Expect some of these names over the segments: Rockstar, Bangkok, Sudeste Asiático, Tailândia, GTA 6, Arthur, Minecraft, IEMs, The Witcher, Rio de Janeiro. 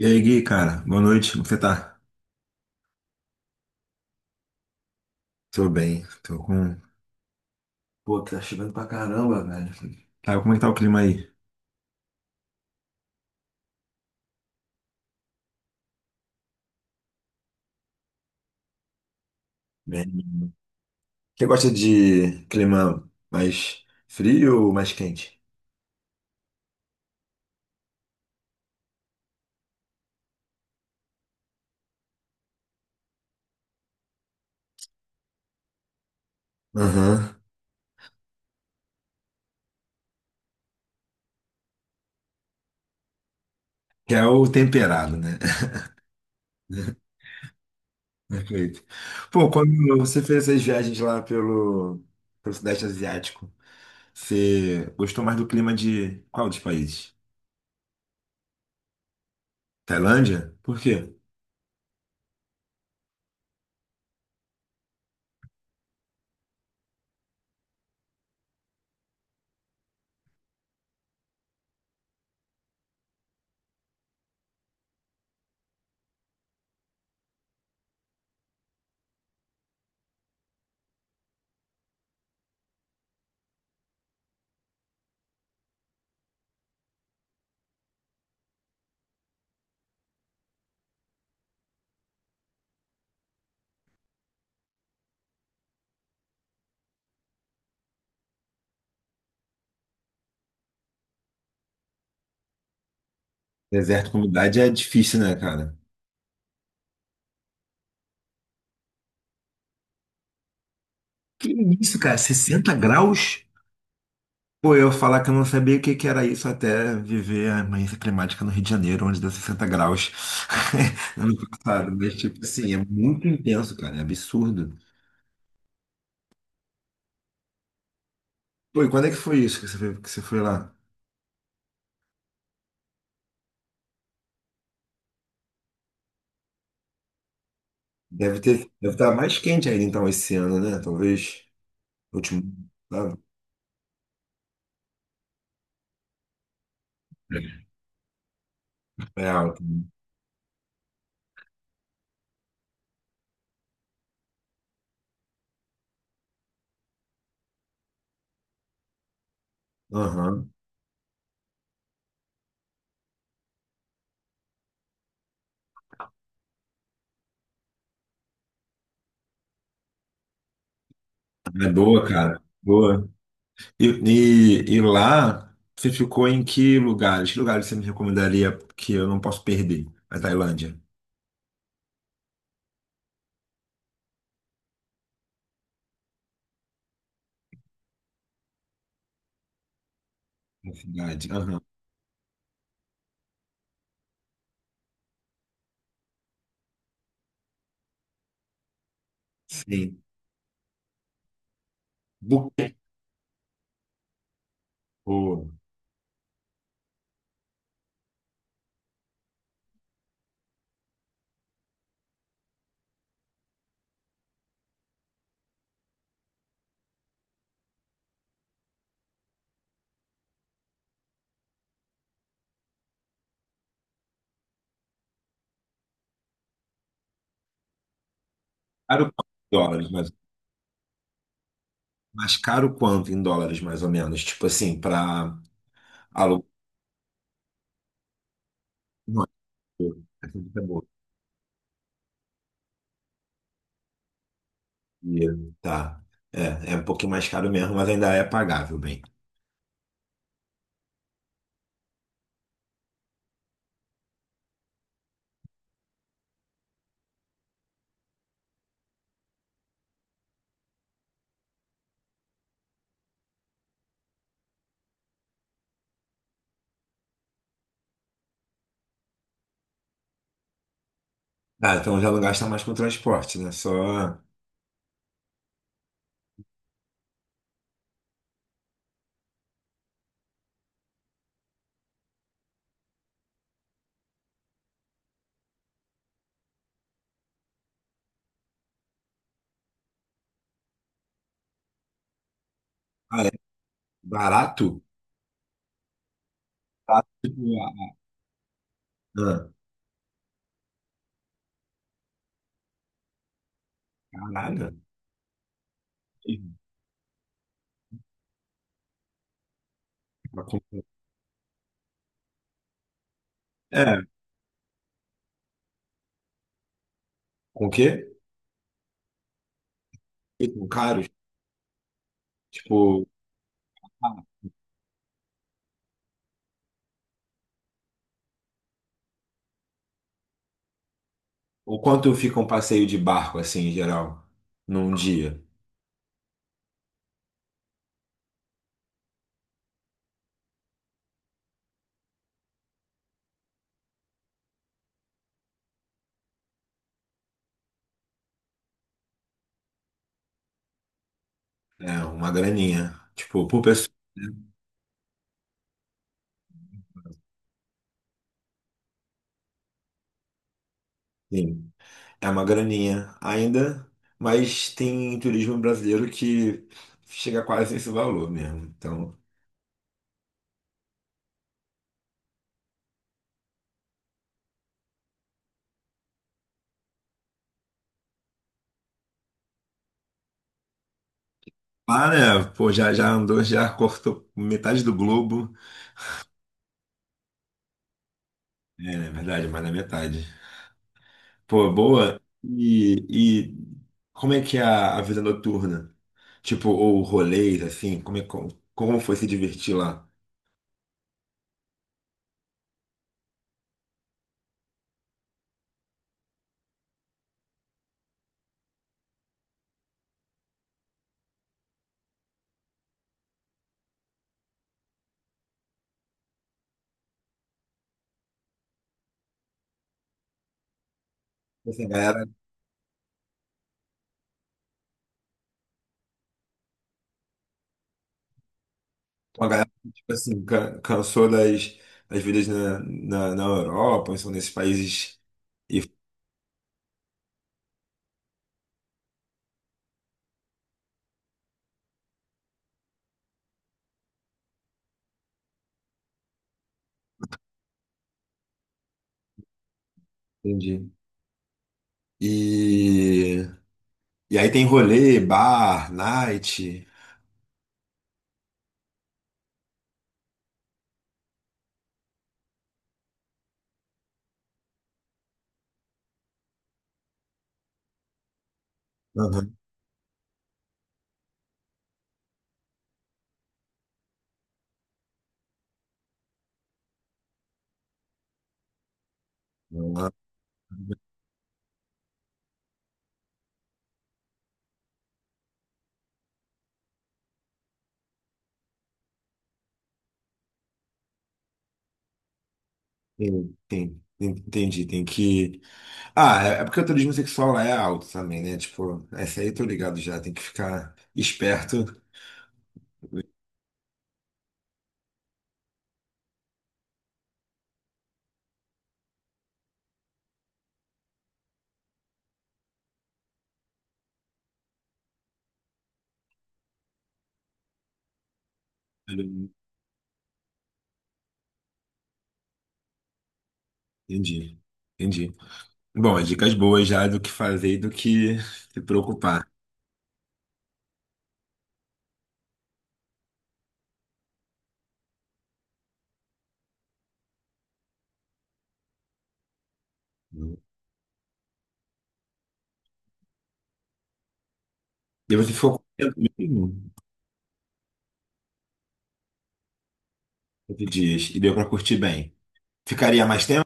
E aí, Gui, cara, boa noite, como você tá? Tô bem, tô com. Pô, tá chovendo pra caramba, velho. Tá, como é que tá o clima aí? Bem. Você gosta de clima mais frio ou mais quente? Aham. Que é o temperado, né? Perfeito. Pô, quando você fez essas viagens lá pelo Sudeste Asiático, você gostou mais do clima de qual dos países? Tailândia? Por quê? Deserto com umidade é difícil, né, cara? Que isso, cara? 60 graus? Pô, eu falar que eu não sabia o que que era isso até viver a emergência climática no Rio de Janeiro, onde deu 60 graus ano passado. Mas, tipo assim, é muito intenso, cara, é absurdo. Pô, e quando é que foi isso que você foi lá? Deve ter, deve estar mais quente ainda, então, esse ano, né? Talvez, último, sabe? É alto. Aham. É boa, cara, boa. E lá, você ficou em que lugares? Que lugares você me recomendaria que eu não posso perder? A Tailândia, a cidade. Aham. Sim. Buquê, tipo, caro quanto em dólares, mas caro quanto em dólares, mais ou menos? Tipo assim, para alugar. Não, tipo, essa dica é boa. E, tá. É, é um pouquinho mais caro mesmo, mas ainda é pagável, bem. Ah, então já não gasta mais com transporte, né? Só. Ah, é barato? Tá, tipo, ah, caralho. Pra comprar. É, com o quê? Ficam caros? Tipo, ah, o quanto fica um passeio de barco, assim, em geral, num dia? É uma graninha. Tipo, por pessoa. Né? Sim, é uma graninha ainda, mas tem turismo brasileiro que chega quase esse valor mesmo. Então, lá, né? Pô, já andou, já cortou metade do globo. É, na verdade, mais da metade. Pô, boa. E como é que é a vida noturna? Tipo, ou rolês, assim, como foi se divertir lá? Essa galera uma galera que, tipo assim, cansou das, das vidas na Europa, ou são nesses países. E, entendi. E, e aí tem rolê, bar, night. Aham. Aham. Entendi, tem que. Ah, é porque o turismo sexual lá é alto também, né? Tipo, essa aí eu tô ligado já, tem que ficar esperto. Entendi, entendi. Bom, as dicas boas já do que fazer e do que se preocupar. E você ficou com medo mesmo? 8 dias. E deu pra curtir bem. Ficaria mais tempo?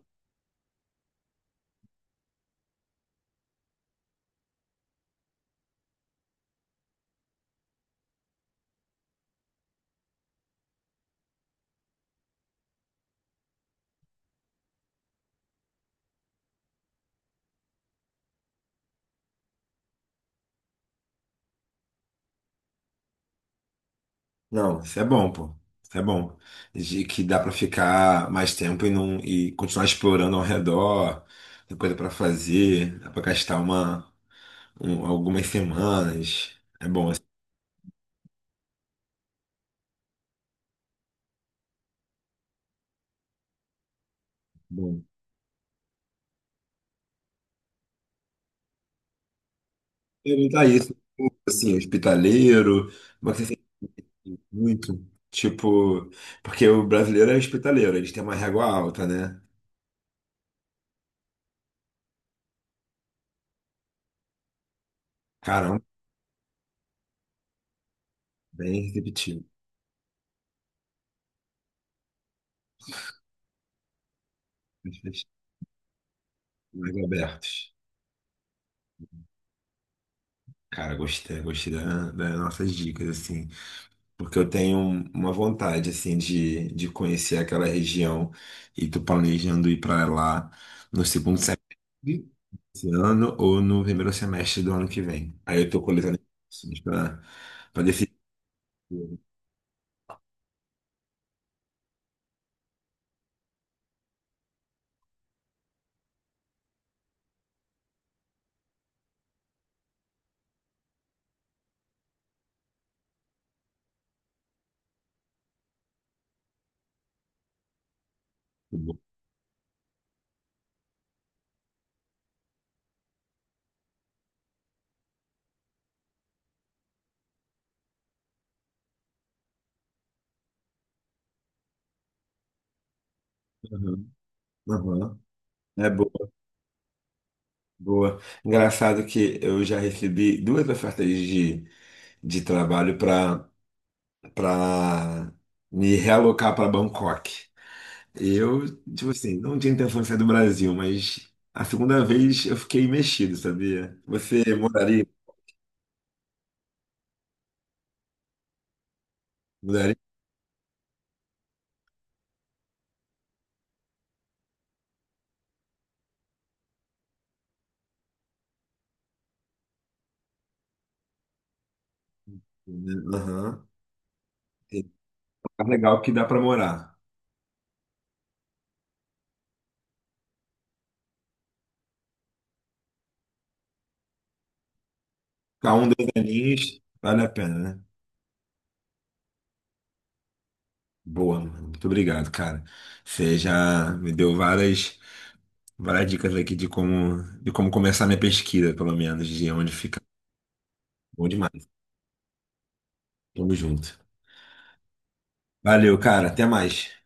Não, isso é bom, pô. Isso é bom. De que dá pra ficar mais tempo e não e continuar explorando ao redor, tem coisa pra fazer, dá pra gastar algumas semanas. É bom, é bom. Perguntar isso, assim, hospitaleiro, como é que você sente muito? Tipo, porque o brasileiro é hospitaleiro, eles têm uma régua alta, né? Caramba, bem receptivo, mais abertos. Cara, gostei, gostei das nossas dicas, assim, porque eu tenho uma vontade, assim, de conhecer aquela região e tô planejando ir para lá no segundo semestre desse ano ou no primeiro semestre do ano que vem. Aí eu tô coletando para decidir. Aham, aham. É boa, boa. Engraçado que eu já recebi duas ofertas de trabalho para para me realocar para Bangkok. Eu, tipo assim, não tinha intenção de sair do Brasil, mas a segunda vez eu fiquei mexido, sabia? Você moraria? Moraria? Né? Aham. Tem um lugar legal que dá pra morar. Ficar um, dois aninhos, vale a pena, né? Boa, mano. Muito obrigado, cara. Você já me deu várias dicas aqui de como começar minha pesquisa, pelo menos, de onde ficar. Bom demais. Tamo junto. Valeu, cara. Até mais.